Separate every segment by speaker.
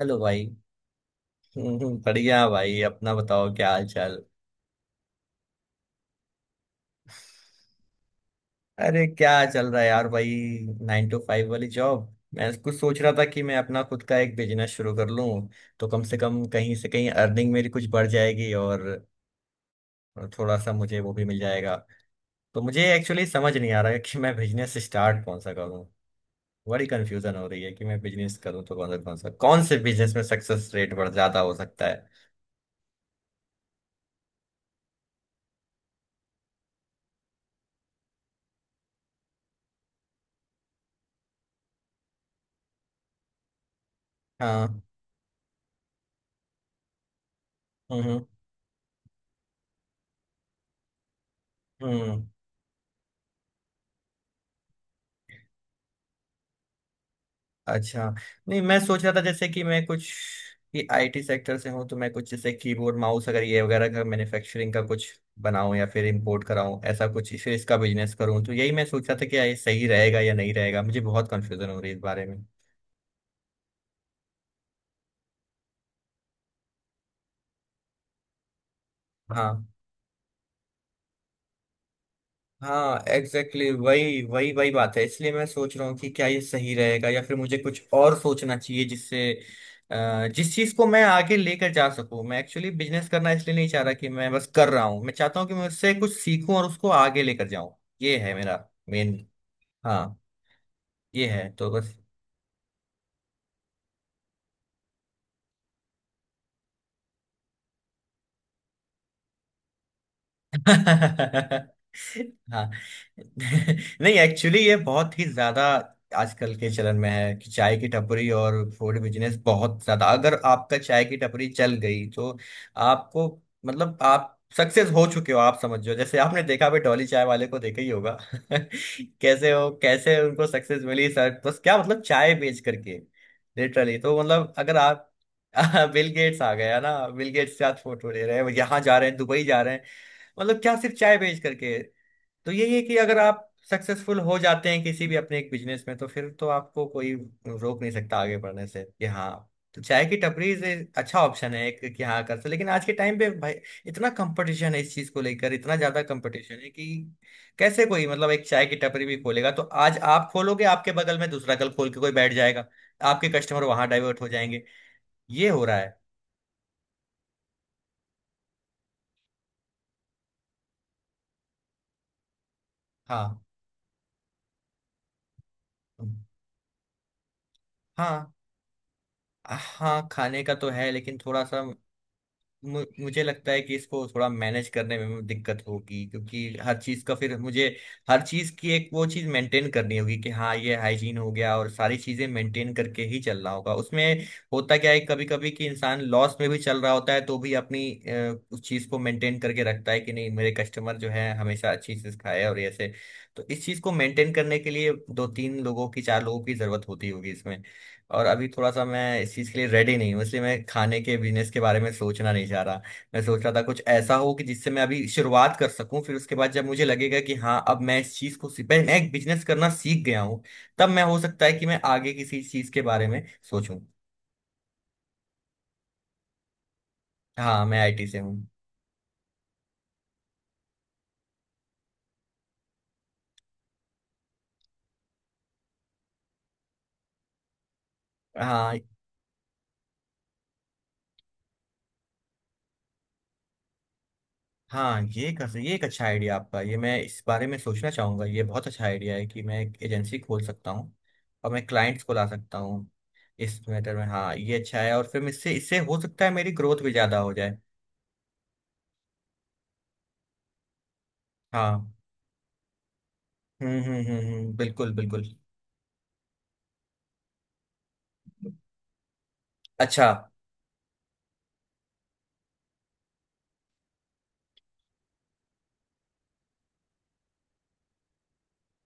Speaker 1: Hello भाई। बढ़िया भाई, अपना बताओ, क्या हाल चाल। अरे क्या चल रहा है यार भाई। 9 टू 5 वाली जॉब मैं कुछ सोच रहा था कि मैं अपना खुद का एक बिजनेस शुरू कर लूं। तो कम से कम कहीं से कहीं अर्निंग मेरी कुछ बढ़ जाएगी और थोड़ा सा मुझे वो भी मिल जाएगा। तो मुझे एक्चुअली समझ नहीं आ रहा है कि मैं बिजनेस स्टार्ट कौन सा करूं। बड़ी कंफ्यूजन हो रही है कि मैं बिजनेस करूं तो कौन सा कौन सा कौन से बिजनेस में सक्सेस रेट बढ़ ज्यादा हो सकता है। हाँ। हम्म हम्म हम्म। अच्छा। नहीं, मैं सोच रहा था जैसे कि मैं कुछ कि आईटी सेक्टर से हूँ, तो मैं कुछ जैसे कीबोर्ड माउस अगर ये वगैरह का मैन्युफैक्चरिंग का कुछ बनाऊं या फिर इंपोर्ट कराऊं, ऐसा कुछ फिर इसका बिजनेस करूं। तो यही मैं सोच रहा था कि ये सही रहेगा या नहीं रहेगा, मुझे बहुत कंफ्यूजन हो रही है इस बारे में। हाँ। हाँ एग्जैक्टली वही वही वही बात है, इसलिए मैं सोच रहा हूँ कि क्या ये सही रहेगा या फिर मुझे कुछ और सोचना चाहिए जिससे जिस चीज को मैं आगे लेकर जा सकूं। मैं एक्चुअली बिजनेस करना इसलिए नहीं चाह रहा कि मैं बस कर रहा हूँ, मैं चाहता हूँ कि मैं उससे कुछ सीखूं और उसको आगे लेकर जाऊं। ये है मेरा मेन। हाँ, ये है तो बस। हाँ नहीं एक्चुअली ये बहुत ही ज्यादा आजकल के चलन में है कि चाय की टपरी और फूड बिजनेस बहुत ज्यादा। अगर आपका चाय की टपरी चल गई तो आपको मतलब आप सक्सेस हो चुके हो, आप समझो। जैसे आपने देखा भी, डॉली चाय वाले को देखा ही होगा कैसे हो, कैसे उनको सक्सेस मिली। सर बस क्या मतलब, चाय बेच करके लिटरली। तो मतलब अगर आप बिल गेट्स आ गया ना, बिल गेट्स के साथ फोटो ले रहे हैं, यहाँ जा रहे हैं, दुबई जा रहे हैं। मतलब क्या सिर्फ चाय बेच करके। तो यही है कि अगर आप सक्सेसफुल हो जाते हैं किसी भी अपने एक बिजनेस में, तो फिर तो आपको कोई रोक नहीं सकता आगे बढ़ने से कि हाँ। तो चाय की टपरी से अच्छा ऑप्शन है एक, कि हाँ कर सकते, लेकिन आज के टाइम पे भाई इतना कंपटीशन है इस चीज को लेकर, इतना ज्यादा कंपटीशन है कि कैसे कोई मतलब एक चाय की टपरी भी खोलेगा तो आज आप खोलोगे, आपके बगल में दूसरा कल खोल के कोई बैठ जाएगा, आपके कस्टमर वहां डाइवर्ट हो जाएंगे। ये हो रहा है। हाँ। हाँ। हाँ खाने का तो है, लेकिन थोड़ा सा मुझे लगता है कि इसको थोड़ा मैनेज करने में दिक्कत होगी, क्योंकि हर चीज का फिर मुझे हर चीज की एक वो चीज मेंटेन करनी होगी कि हाँ ये हाइजीन हो गया और सारी चीजें मेंटेन करके ही चलना होगा उसमें। होता क्या है कभी कभी कि इंसान लॉस में भी चल रहा होता है, तो भी अपनी उस चीज को मेंटेन करके रखता है कि नहीं मेरे कस्टमर जो है हमेशा अच्छी चीज खाए, और ऐसे तो इस चीज को मेंटेन करने के लिए दो तीन लोगों की, चार लोगों की जरूरत होती होगी इसमें। और अभी थोड़ा सा मैं इस चीज़ के लिए रेडी नहीं हूँ, इसलिए मैं खाने के बिजनेस के बारे में सोचना नहीं चाह रहा। मैं सोच रहा था कुछ ऐसा हो कि जिससे मैं अभी शुरुआत कर सकूं, फिर उसके बाद जब मुझे लगेगा कि हाँ अब मैं इस चीज़ को मैं एक बिजनेस करना सीख गया हूँ, तब मैं हो सकता है कि मैं आगे किसी चीज़ के बारे में सोचूं। हाँ मैं आईटी से हूँ। हाँ हाँ, ये कर ये एक अच्छा आइडिया आपका, ये मैं इस बारे में सोचना चाहूँगा। ये बहुत अच्छा आइडिया है कि मैं एक एजेंसी खोल सकता हूँ और मैं क्लाइंट्स को ला सकता हूँ। इस मैटर में हाँ ये अच्छा है, और फिर इससे इससे हो सकता है मेरी ग्रोथ भी ज़्यादा हो जाए। हाँ बिल्कुल बिल्कुल। अच्छा।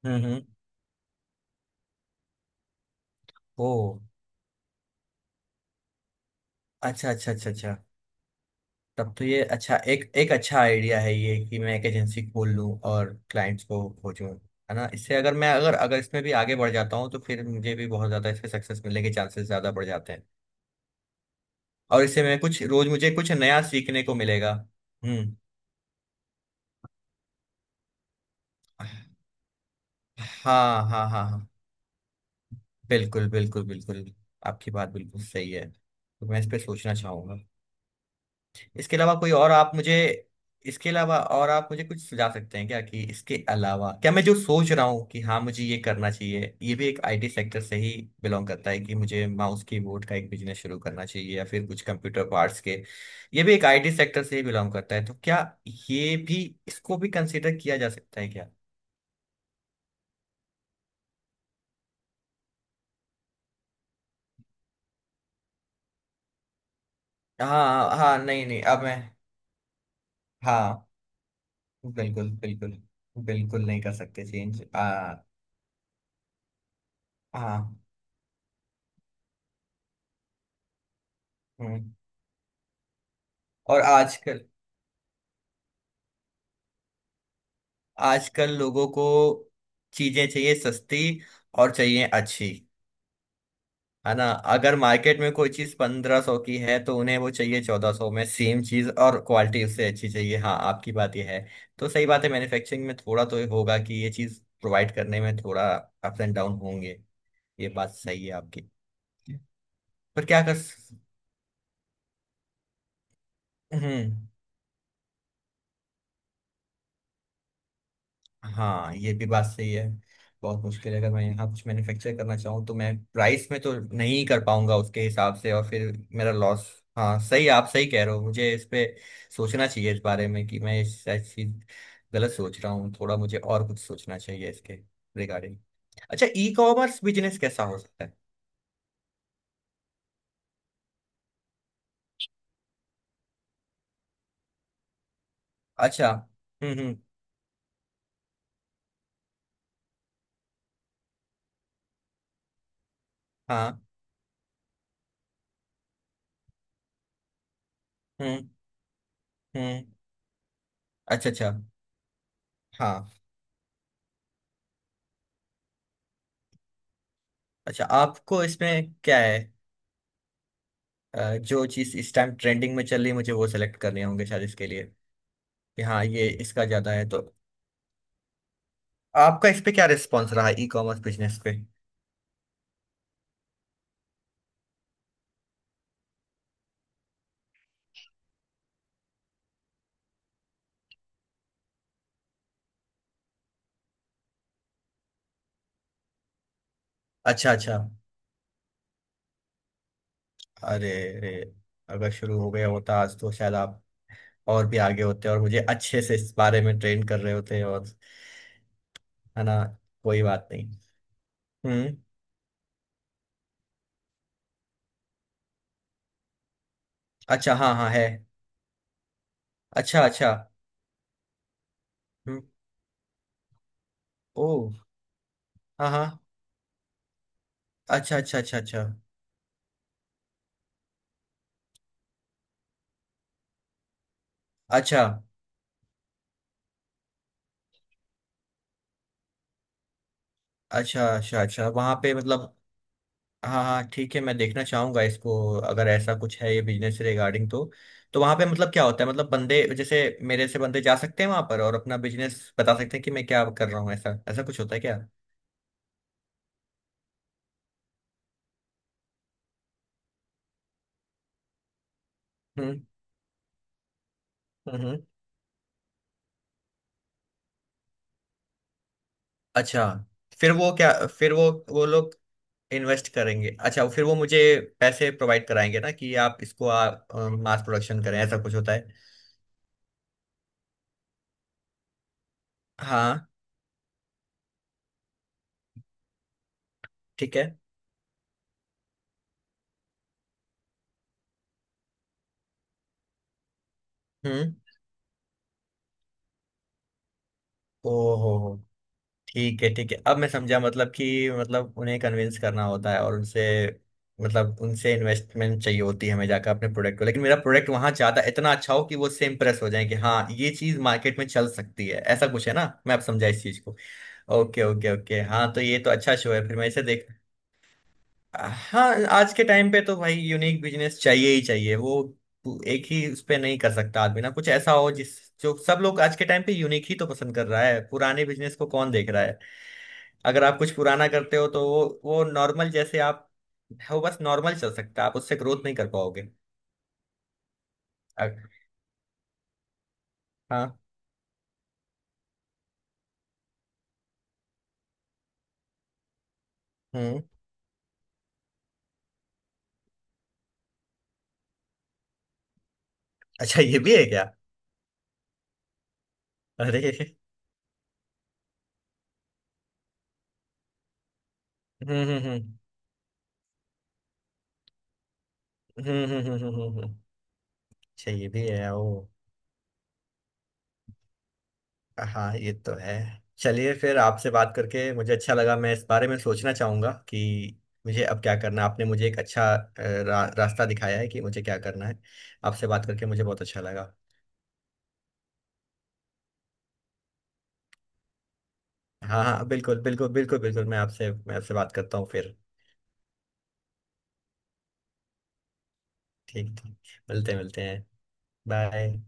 Speaker 1: हम्म। ओ। अच्छा अच्छा अच्छा अच्छा। तब तो ये अच्छा, एक एक अच्छा आइडिया है ये कि मैं एक एजेंसी खोल लूँ और क्लाइंट्स को खोजूँ। है ना, इससे अगर मैं अगर अगर इसमें भी आगे बढ़ जाता हूँ, तो फिर मुझे भी बहुत ज़्यादा इसमें सक्सेस मिलने के चांसेस ज़्यादा बढ़ जाते हैं। और इससे मैं कुछ रोज़ मुझे कुछ नया सीखने को मिलेगा। हम्म। हाँ हाँ हाँ हाँ। बिल्कुल बिल्कुल बिल्कुल, आपकी बात बिल्कुल सही है, तो मैं इस पे सोचना चाहूँगा। इसके अलावा कोई और आप मुझे, इसके अलावा और आप मुझे कुछ सुझा सकते हैं क्या, कि इसके अलावा क्या, मैं जो सोच रहा हूँ कि हाँ मुझे ये करना चाहिए, ये भी एक आईटी सेक्टर से ही बिलोंग करता है कि मुझे माउस कीबोर्ड का एक बिजनेस शुरू करना चाहिए या फिर कुछ कंप्यूटर पार्ट्स के। ये भी एक आईटी सेक्टर से ही बिलोंग करता है, तो क्या ये भी, इसको भी कंसिडर किया जा सकता है क्या। हाँ हाँ। नहीं नहीं, अब मैं हाँ बिल्कुल बिल्कुल। बिल्कुल नहीं कर सकते चेंज आ। हाँ। हम्म। और आजकल, आजकल लोगों को चीजें चाहिए सस्ती और चाहिए अच्छी। है ना, अगर मार्केट में कोई चीज 1500 की है, तो उन्हें वो चाहिए 1400 में सेम चीज, और क्वालिटी उससे अच्छी चाहिए। हाँ आपकी बात यह है, तो सही बात है, मैन्युफैक्चरिंग में थोड़ा तो ये होगा कि ये चीज प्रोवाइड करने में थोड़ा अप्स एंड डाउन होंगे। ये बात सही है आपकी। पर क्या कर। हम्म। हाँ ये भी बात सही है, बहुत मुश्किल है। अगर मैं यहाँ कुछ मैन्युफैक्चर करना चाहूँ, तो मैं प्राइस में तो नहीं कर पाऊंगा उसके हिसाब से, और फिर मेरा लॉस। हाँ सही, आप सही कह रहे हो, मुझे इस पे सोचना चाहिए, इस बारे में कि मैं इस चीज गलत सोच रहा हूँ, थोड़ा मुझे और कुछ सोचना चाहिए इसके रिगार्डिंग। अच्छा, ई कॉमर्स बिजनेस कैसा हो सकता है। अच्छा। हम्म। हाँ। हम्म। हम्म। अच्छा अच्छा। हाँ। अच्छा, आपको इसमें क्या है, जो चीज इस टाइम ट्रेंडिंग में चल रही है, मुझे वो सेलेक्ट करने होंगे शायद इसके लिए, कि हाँ ये इसका ज्यादा है तो। आपका इस पे क्या रिस्पॉन्स रहा, ई कॉमर्स बिजनेस पे। अच्छा अच्छा। अरे। अरे। अगर शुरू हो गया होता आज, तो शायद आप और भी आगे होते और मुझे अच्छे से इस बारे में ट्रेन कर रहे होते और, है ना। कोई बात नहीं। हम्म। अच्छा हाँ हाँ है। अच्छा अच्छा। हम्म। ओ। हाँ हाँ। अच्छा अच्छा अच्छा अच्छा। अच्छा अच्छा अच्छा अच्छा। वहाँ पे मतलब। हाँ हाँ ठीक है, मैं देखना चाहूंगा इसको। अगर ऐसा कुछ है ये बिजनेस से रिगार्डिंग, तो वहां पे मतलब क्या होता है, मतलब बंदे जैसे मेरे से बंदे जा सकते हैं वहां पर और अपना बिजनेस बता सकते हैं कि मैं क्या कर रहा हूँ, ऐसा ऐसा कुछ होता है क्या। हम्म हम्म हम्म। अच्छा, फिर वो क्या, फिर वो लोग इन्वेस्ट करेंगे। अच्छा, फिर वो मुझे पैसे प्रोवाइड कराएंगे ना, कि आप इसको आप मास प्रोडक्शन करें, ऐसा कुछ होता है। हाँ। ठीक है। हम्म। ओहो। ठीक है ठीक है, अब मैं समझा, मतलब कि मतलब उन्हें कन्विंस करना होता है, और उनसे मतलब उनसे इन्वेस्टमेंट चाहिए होती है, हमें जाकर अपने प्रोडक्ट को। लेकिन मेरा प्रोडक्ट वहां जाता इतना अच्छा हो कि वो उससे इम्प्रेस हो जाए कि हाँ ये चीज मार्केट में चल सकती है, ऐसा कुछ है ना, मैं आप समझा इस चीज को। ओके ओके ओके, हाँ तो ये तो अच्छा शो है, फिर मैं इसे देख। हाँ आज के टाइम पे तो भाई यूनिक बिजनेस चाहिए ही चाहिए। वो एक ही उस पे नहीं कर सकता आदमी ना, कुछ ऐसा हो जिस जो सब लोग, आज के टाइम पे यूनिक ही तो पसंद कर रहा है, पुराने बिजनेस को कौन देख रहा है। अगर आप कुछ पुराना करते हो तो वो नॉर्मल, जैसे आप वो बस नॉर्मल चल सकता है, आप उससे ग्रोथ नहीं कर पाओगे। अग-। हाँ। हम्म। अच्छा, ये भी है क्या। अरे। हम्म। हम्म हम्म हम्म, हम्म, हम्म। अच्छा ये भी है। ओ। हाँ ये तो है। चलिए फिर, आपसे बात करके मुझे अच्छा लगा। मैं इस बारे में सोचना चाहूंगा कि मुझे अब क्या करना है। आपने मुझे एक अच्छा रास्ता दिखाया है कि मुझे क्या करना है। आपसे बात करके मुझे बहुत अच्छा लगा। हाँ हाँ बिल्कुल बिल्कुल बिल्कुल बिल्कुल। मैं आपसे बात करता हूँ फिर। ठीक ठीक। मिलते हैं मिलते हैं। बाय।